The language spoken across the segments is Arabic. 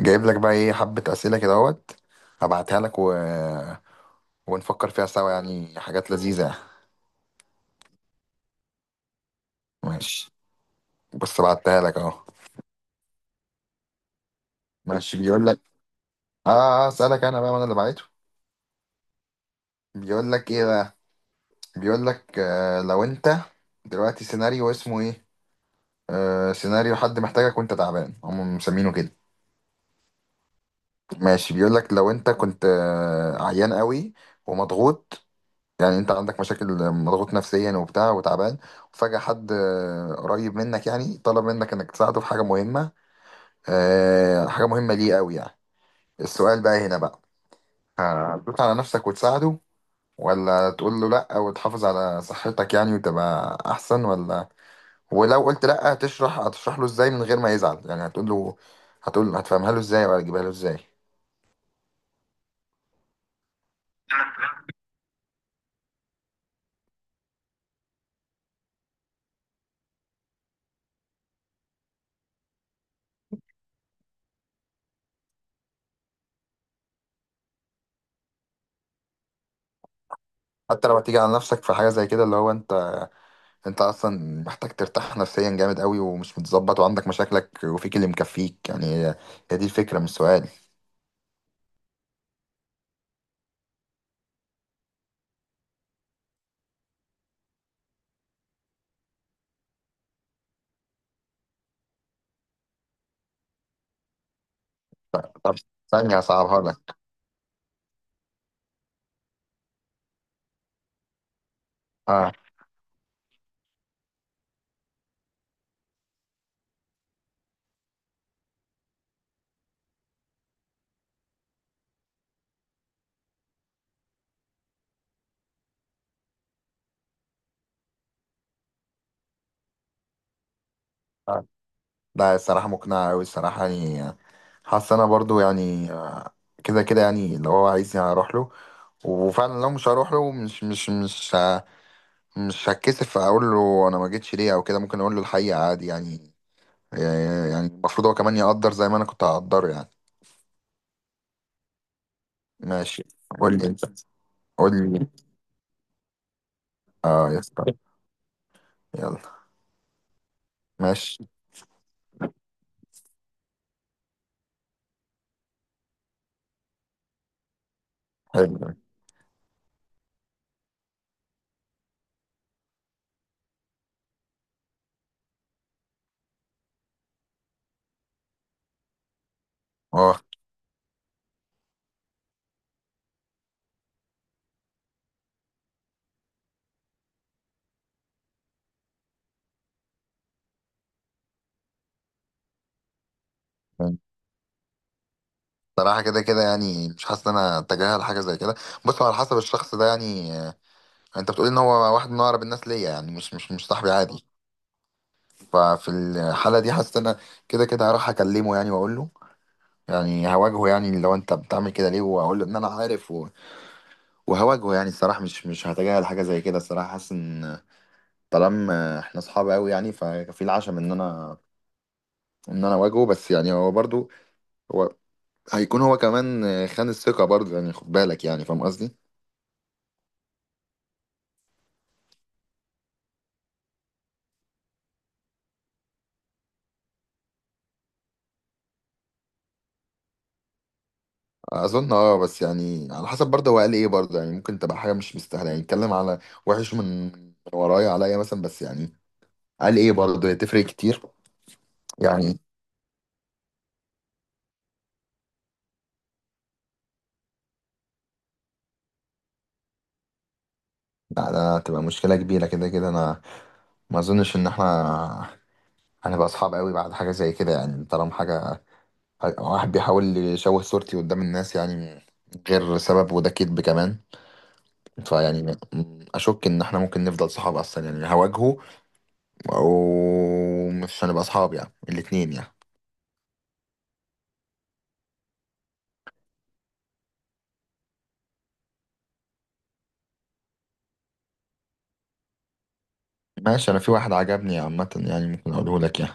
جايب لك بقى ايه حبة أسئلة كده اهوت. هبعتها لك ونفكر فيها سوا، يعني حاجات لذيذة يعني. ماشي، بص بعتها لك اهو. ماشي بيقول لك. اه. آه، اسألك انا بقى، ما انا اللي بعته. بيقول لك ايه بقى. بيقول لك آه لو انت دلوقتي، سيناريو اسمه ايه. آه سيناريو حد محتاجك وانت تعبان، هم مسمينه كده. ماشي بيقول لك لو انت كنت عيان قوي ومضغوط، يعني انت عندك مشاكل، مضغوط نفسيا وبتاع وتعبان، وفجأة حد قريب منك يعني طلب منك انك تساعده في حاجة مهمة، حاجة مهمة ليه قوي يعني. السؤال بقى هنا بقى، هتدوس على نفسك وتساعده؟ ولا تقول له لا وتحافظ على صحتك يعني وتبقى احسن؟ ولا، ولو قلت لا، هتشرح له ازاي من غير ما يزعل؟ يعني هتقول له، هتقول هتفهمها له ازاي ولا تجيبها له ازاي؟ حتى لو هتيجي على نفسك في حاجة زي كده، اللي هو انت، انت اصلا محتاج ترتاح نفسيا جامد قوي، ومش متظبط وعندك مشاكلك وفيك اللي مكفيك. يعني هي، دي الفكره، مش سؤال. طب، ثانيه هصعبها لك. اه. اه. لا الصراحه مقنعه قوي الصراحه يعني. حاسس انا برضو يعني، كده كده يعني لو هو عايزني هروح له. وفعلا لو مش هروح له، مش هتكسف اقول له انا ما جيتش ليه او كده. ممكن اقول له الحقيقه عادي يعني. يعني المفروض هو كمان يقدر زي ما انا كنت هقدره يعني. ماشي، قول لي انت. قول لي. اه يا اسطى. يلا. ماشي. حلو. اه. صراحة كده كده يعني مش حاسس ان انا اتجاهل حاجة زي كده. بص هو على حسب الشخص ده يعني، انت بتقول ان هو واحد من اقرب الناس ليا، يعني مش صاحبي عادي. ففي الحالة دي حاسس ان انا كده كده هروح اكلمه، يعني واقول له، يعني هواجهه، يعني لو انت بتعمل كده ليه، واقول له ان انا عارف وهواجهه. يعني الصراحة مش هتجاهل حاجة زي كده الصراحة. حاسس ان طالما احنا اصحاب قوي، يعني ففي العشم ان انا، اواجهه. بس يعني هو برضو، هو، هيكون هو كمان خان الثقة برضه، يعني خد بالك، يعني فاهم قصدي؟ أظن أه، بس يعني على حسب برضه هو قال إيه برضه، يعني ممكن تبقى حاجة مش مستاهلة، يعني اتكلم على وحش من ورايا عليا مثلا. بس يعني قال إيه برضه، هي تفرق كتير يعني. لا ده تبقى مشكلة كبيرة، كده كده أنا ما أظنش إن إحنا هنبقى أصحاب قوي بعد حاجة زي كده. يعني طالما حاجة، واحد بيحاول يشوه صورتي قدام الناس يعني من غير سبب، وده كذب كمان، فيعني أشك إن إحنا ممكن نفضل صحاب أصلا، يعني هواجهه او مش هنبقى اصحاب، يعني الاتنين يعني. ماشي، انا في واحد عجبني عامة، يعني ممكن اقوله لك يعني.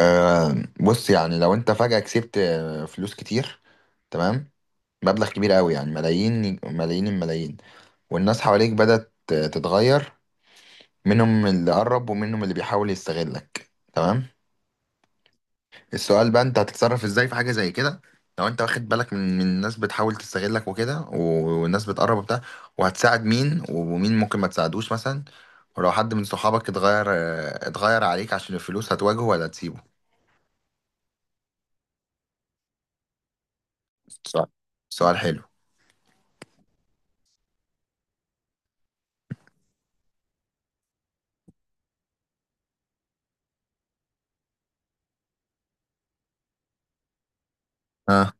آه، بص يعني لو انت فجأة كسبت فلوس كتير، تمام، مبلغ كبير قوي، يعني ملايين ملايين الملايين. والناس حواليك بدأت تتغير، منهم اللي قرب ومنهم اللي بيحاول يستغلك، تمام. السؤال بقى، انت هتتصرف ازاي في حاجه زي كده؟ لو انت واخد بالك من الناس بتحاول تستغلك وكده، والناس بتقرب وبتاع، وهتساعد مين، ومين ممكن ما تساعدوش مثلا؟ ولو حد من صحابك اتغير، اه، اتغير عليك عشان الفلوس، هتواجهه ولا تسيبه؟ سؤال. سؤال حلو. اه،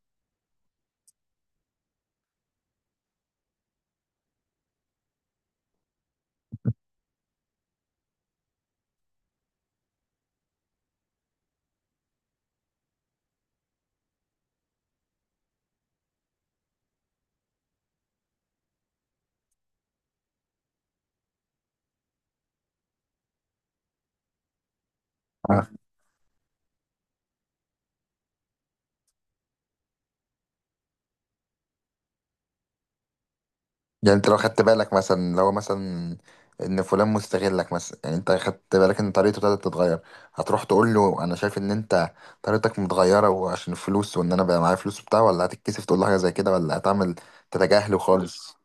يعني انت لو خدت بالك مثلا، لو مثلا ان فلان مستغلك مثلا، يعني انت خدت بالك ان طريقته ابتدت تتغير، هتروح تقول له انا شايف ان انت طريقتك متغيره وعشان الفلوس، وان انا بقى معايا فلوس وبتاع؟ ولا هتتكسف تقول له حاجه زي كده ولا هتعمل تتجاهله خالص؟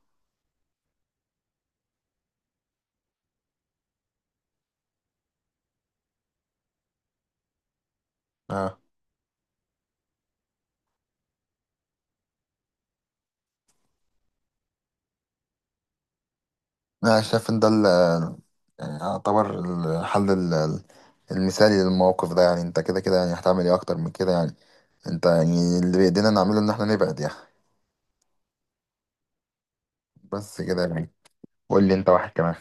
اه. انا شايف ان ده يعني يعتبر الحل المثالي للموقف ده. يعني انت كده كده يعني هتعمل ايه اكتر من كده يعني؟ انت يعني اللي بايدينا نعمله ان احنا نبعد يعني. بس كده يعني. قول لي انت واحد كمان.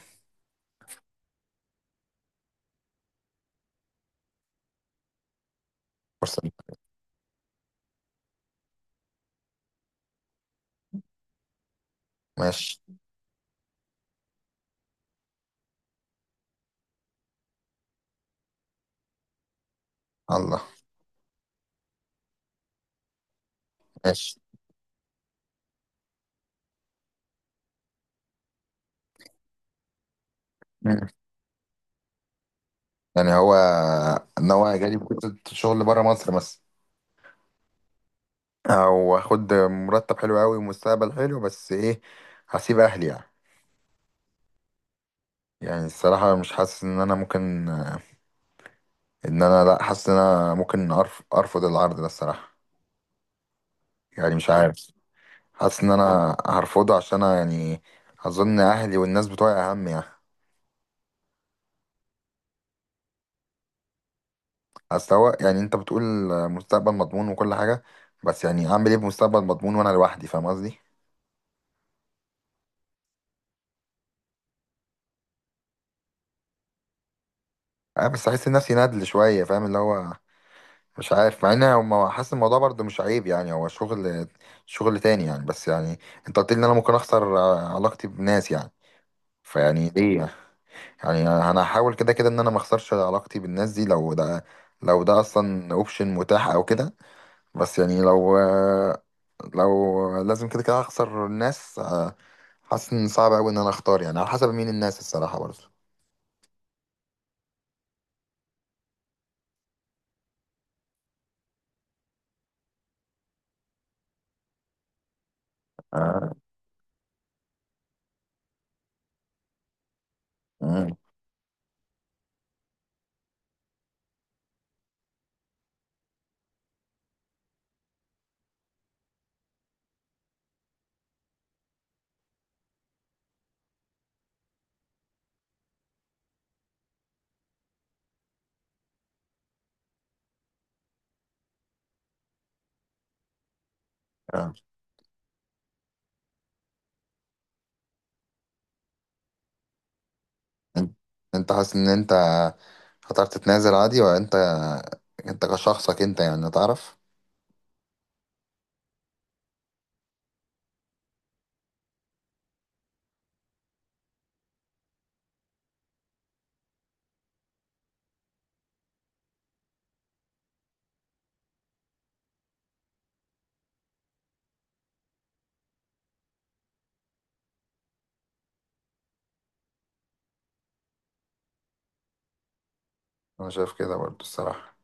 فرصه ليك. ماشي. الله. ماشي. مم. يعني هو ناوي جالي فرصة شغل بره مصر مثلا، او اخد مرتب حلو قوي ومستقبل حلو، بس ايه، هسيب اهلي يعني. يعني الصراحة مش حاسس ان انا ممكن ان انا، لا حاسس ان انا ممكن ارفض العرض ده الصراحة. يعني مش عارف، حاسس ان انا هرفضه، عشان أنا يعني اظن اهلي والناس بتوعي اهم يعني. اصل هو يعني انت بتقول مستقبل مضمون وكل حاجة، بس يعني اعمل ايه بمستقبل مضمون وانا لوحدي، فاهم قصدي؟ اه بس احس نفسي ندل شوية، فاهم؟ اللي هو مش عارف، مع ان هو حاسس الموضوع برضه مش عيب، يعني هو شغل، شغل تاني يعني. بس يعني انت قلت لي ان انا ممكن اخسر علاقتي بناس يعني. فيعني ليه، انا هحاول كده كده ان انا ما اخسرش علاقتي بالناس دي، لو ده، لو ده اصلا اوبشن متاح او كده. بس يعني لو لو لازم كده كده اخسر الناس، حاسس ان صعب قوي ان انا اختار، يعني على حسب مين الناس الصراحة برضه. آه. مم. انت انت حاسس ان انت هتعرف تتنازل عادي ولا انت، انت كشخصك انت يعني تعرف؟ انا شايف كده برضو الصراحة.